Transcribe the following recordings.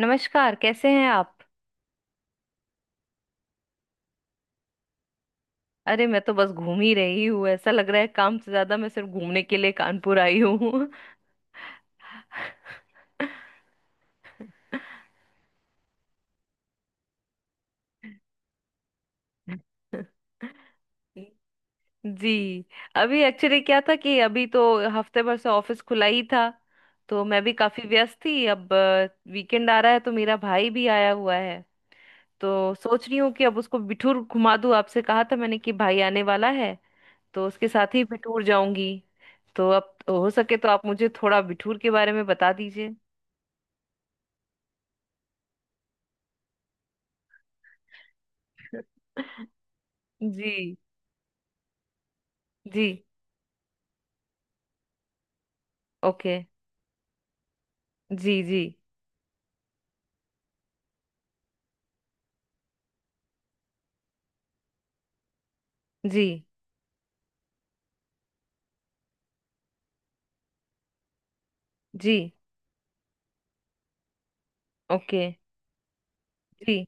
नमस्कार। कैसे हैं आप? अरे मैं तो बस घूम ही रही हूँ। ऐसा लग रहा है काम से ज्यादा मैं सिर्फ घूमने के लिए कानपुर आई हूँ। जी। अभी एक्चुअली क्या था कि अभी तो हफ्ते भर से ऑफिस खुला ही था। तो मैं भी काफी व्यस्त थी। अब वीकेंड आ रहा है, तो मेरा भाई भी आया हुआ है। तो सोच रही हूँ कि अब उसको बिठूर घुमा दूँ। आपसे कहा था मैंने कि भाई आने वाला है, तो उसके साथ ही बिठूर जाऊंगी। तो अब हो सके तो आप मुझे थोड़ा बिठूर के बारे में बता दीजिए। जी जी। ओके। जी जी। जी जी। ओके। जी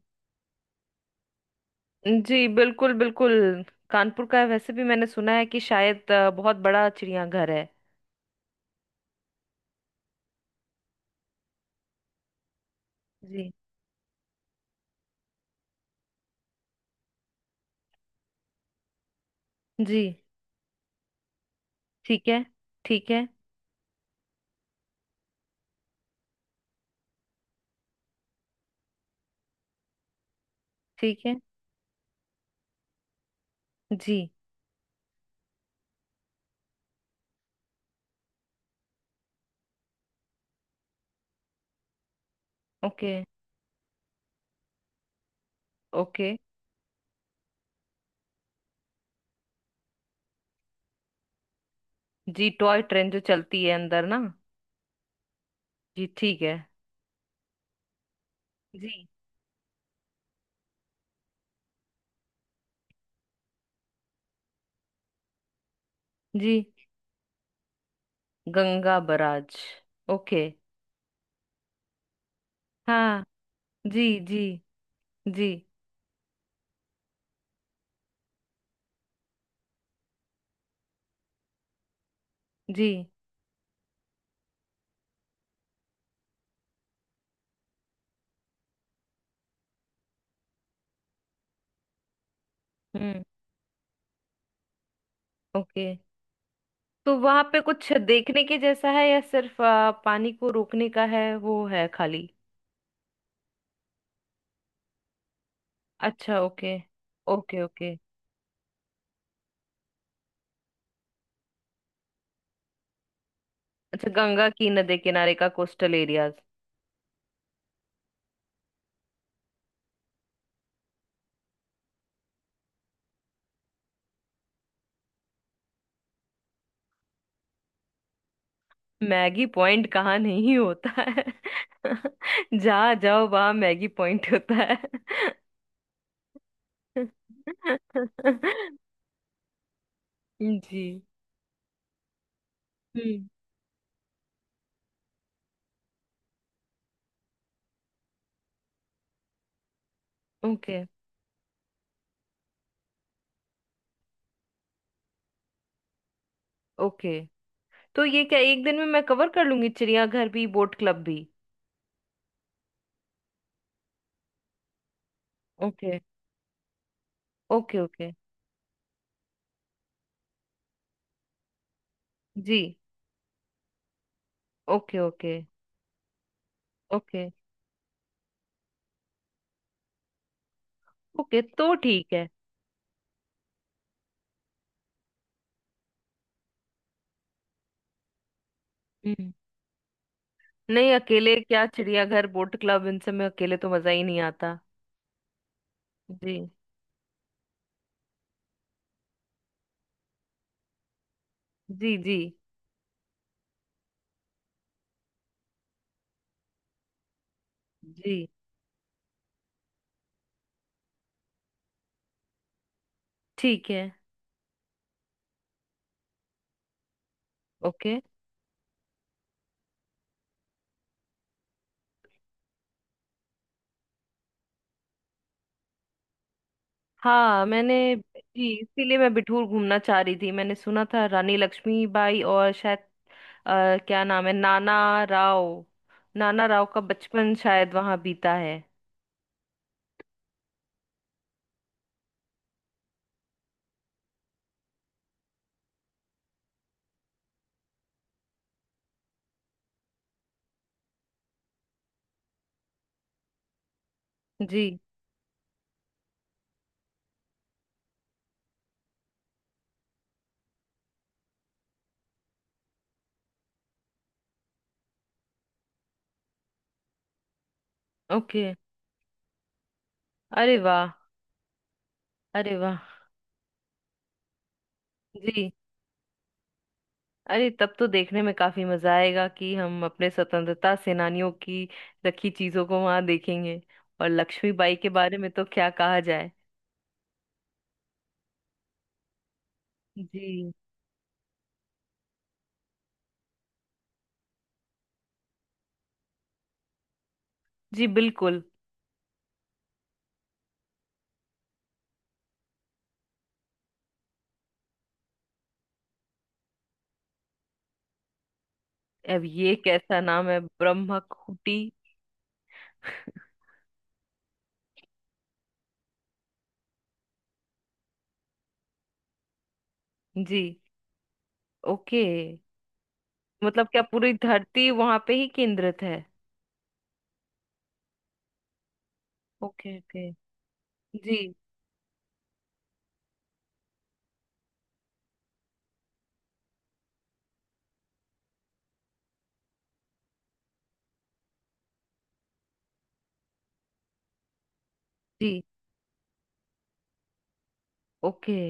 जी, बिल्कुल बिल्कुल कानपुर का है। वैसे भी मैंने सुना है कि शायद बहुत बड़ा चिड़ियाघर है। जी। जी। ठीक है। ठीक है। ठीक है। जी। Okay okay. जी, टॉय ट्रेन जो चलती है अंदर ना। जी, ठीक है। जी जी। गंगा बराज। ओके। हाँ। जी जी। जी जी। हम्म। ओके। तो वहां पे कुछ देखने के जैसा है या सिर्फ पानी को रोकने का है वो, है खाली? अच्छा ओके। Okay okay. अच्छा, गंगा की नदी किनारे का कोस्टल एरियाज। मैगी पॉइंट कहाँ नहीं होता है? जहाँ जाओ वहाँ मैगी पॉइंट होता है। जी। हम्म। ओके। ओके, तो ये क्या एक दिन में मैं कवर कर लूंगी? चिड़ियाघर भी, बोट क्लब भी? ओके। Okay okay. जी। Okay okay. ओके। ओके तो ठीक है। हम्म। नहीं, अकेले क्या! चिड़ियाघर, बोट क्लब, इन सब में अकेले तो मजा ही नहीं आता। जी। जी जी। जी। ठीक है। ओके। हाँ मैंने। जी, इसीलिए मैं बिठूर घूमना चाह रही थी। मैंने सुना था रानी लक्ष्मीबाई और शायद, क्या नाम है, नाना राव। नाना राव का बचपन शायद वहां बीता है। जी। ओके। अरे वाह! अरे वाह! जी। अरे, तब तो देखने में काफी मजा आएगा कि हम अपने स्वतंत्रता सेनानियों की रखी चीजों को वहां देखेंगे। और लक्ष्मीबाई के बारे में तो क्या कहा जाए। जी। जी बिल्कुल। अब ये कैसा नाम है, ब्रह्मकुटी? जी। ओके। मतलब क्या पूरी धरती वहां पे ही केंद्रित है? Okay okay. जी। जी। Okay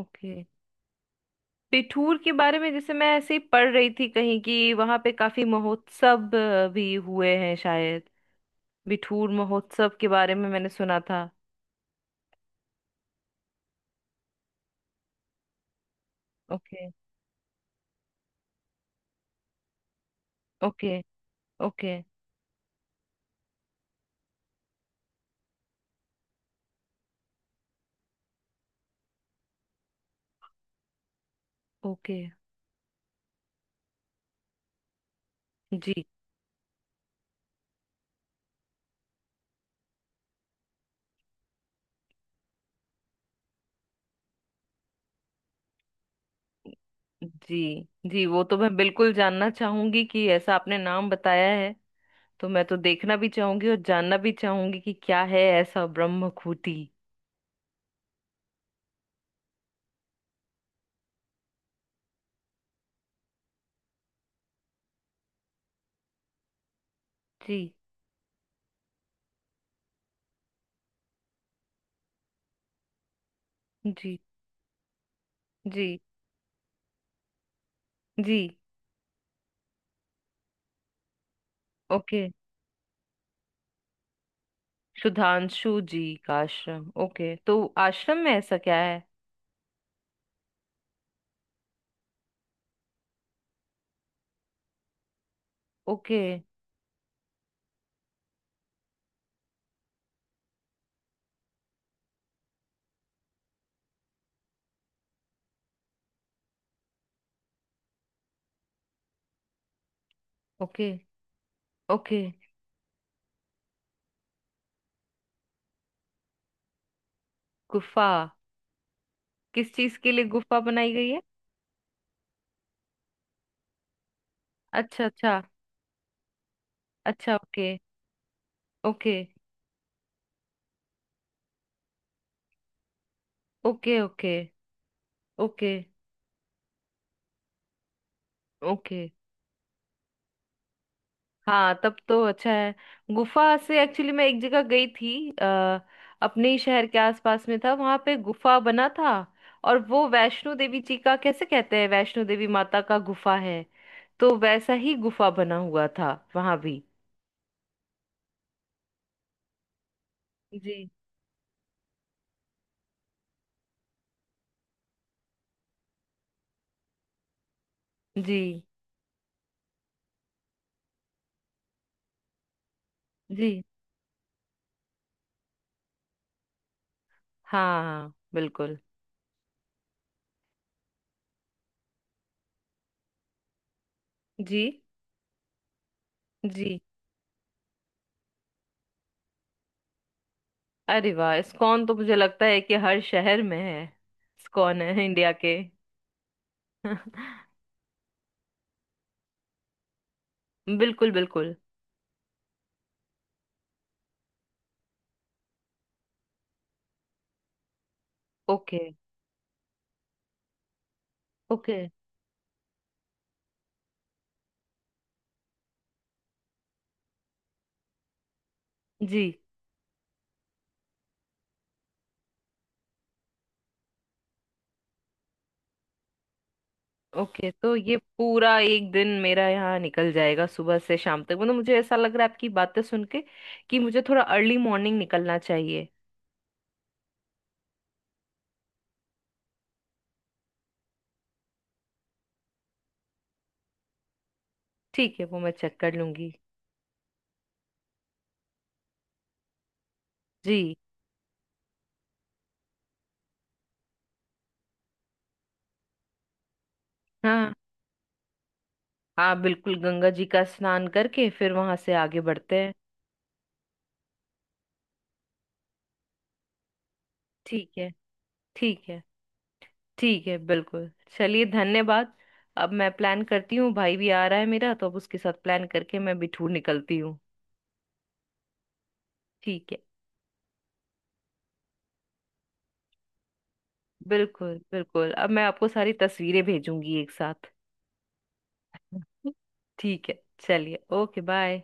okay. पिठूर के बारे में जैसे मैं ऐसे ही पढ़ रही थी कहीं कि वहां पे काफी महोत्सव भी हुए हैं शायद। बिठूर महोत्सव के बारे में मैंने सुना था। ओके। ओके। ओके। ओके। जी। जी। जी वो तो मैं बिल्कुल जानना चाहूंगी कि ऐसा आपने नाम बताया है, तो मैं तो देखना भी चाहूंगी और जानना भी चाहूंगी कि क्या है ऐसा ब्रह्मखूटी। जी। जी। जी। जी। ओके। सुधांशु जी का आश्रम? ओके, तो आश्रम में ऐसा क्या है? ओके। ओके। ओके। गुफा? किस चीज के लिए गुफा बनाई गई है? अच्छा अच्छा। अच्छा okay. Okay. Okay okay. Okay. Okay. हाँ, तब तो अच्छा है। गुफा से एक्चुअली मैं एक जगह गई थी, अपने ही शहर के आसपास में था, वहां पे गुफा बना था। और वो वैष्णो देवी जी का, कैसे कहते हैं, वैष्णो देवी माता का गुफा है, तो वैसा ही गुफा बना हुआ था वहां भी। जी। जी। जी। हाँ हाँ, बिल्कुल। जी। जी। अरे वाह! इस्कॉन तो मुझे लगता है कि हर शहर में है। इस्कॉन है इंडिया के। बिल्कुल बिल्कुल। ओके। ओके। जी। ओके तो ये पूरा एक दिन मेरा यहाँ निकल जाएगा सुबह से शाम तक। मतलब मुझे ऐसा लग रहा है आपकी बातें सुन के कि मुझे थोड़ा अर्ली मॉर्निंग निकलना चाहिए। ठीक है, वो मैं चेक कर लूंगी। जी। हाँ हाँ, बिल्कुल। गंगा जी का स्नान करके फिर वहां से आगे बढ़ते हैं। ठीक है। ठीक है। ठीक है, बिल्कुल। चलिए, धन्यवाद। अब मैं प्लान करती हूँ। भाई भी आ रहा है मेरा, तो अब उसके साथ प्लान करके मैं बिठूर निकलती हूँ। ठीक है। बिल्कुल बिल्कुल, अब मैं आपको सारी तस्वीरें भेजूंगी एक साथ। ठीक है। चलिए, ओके बाय।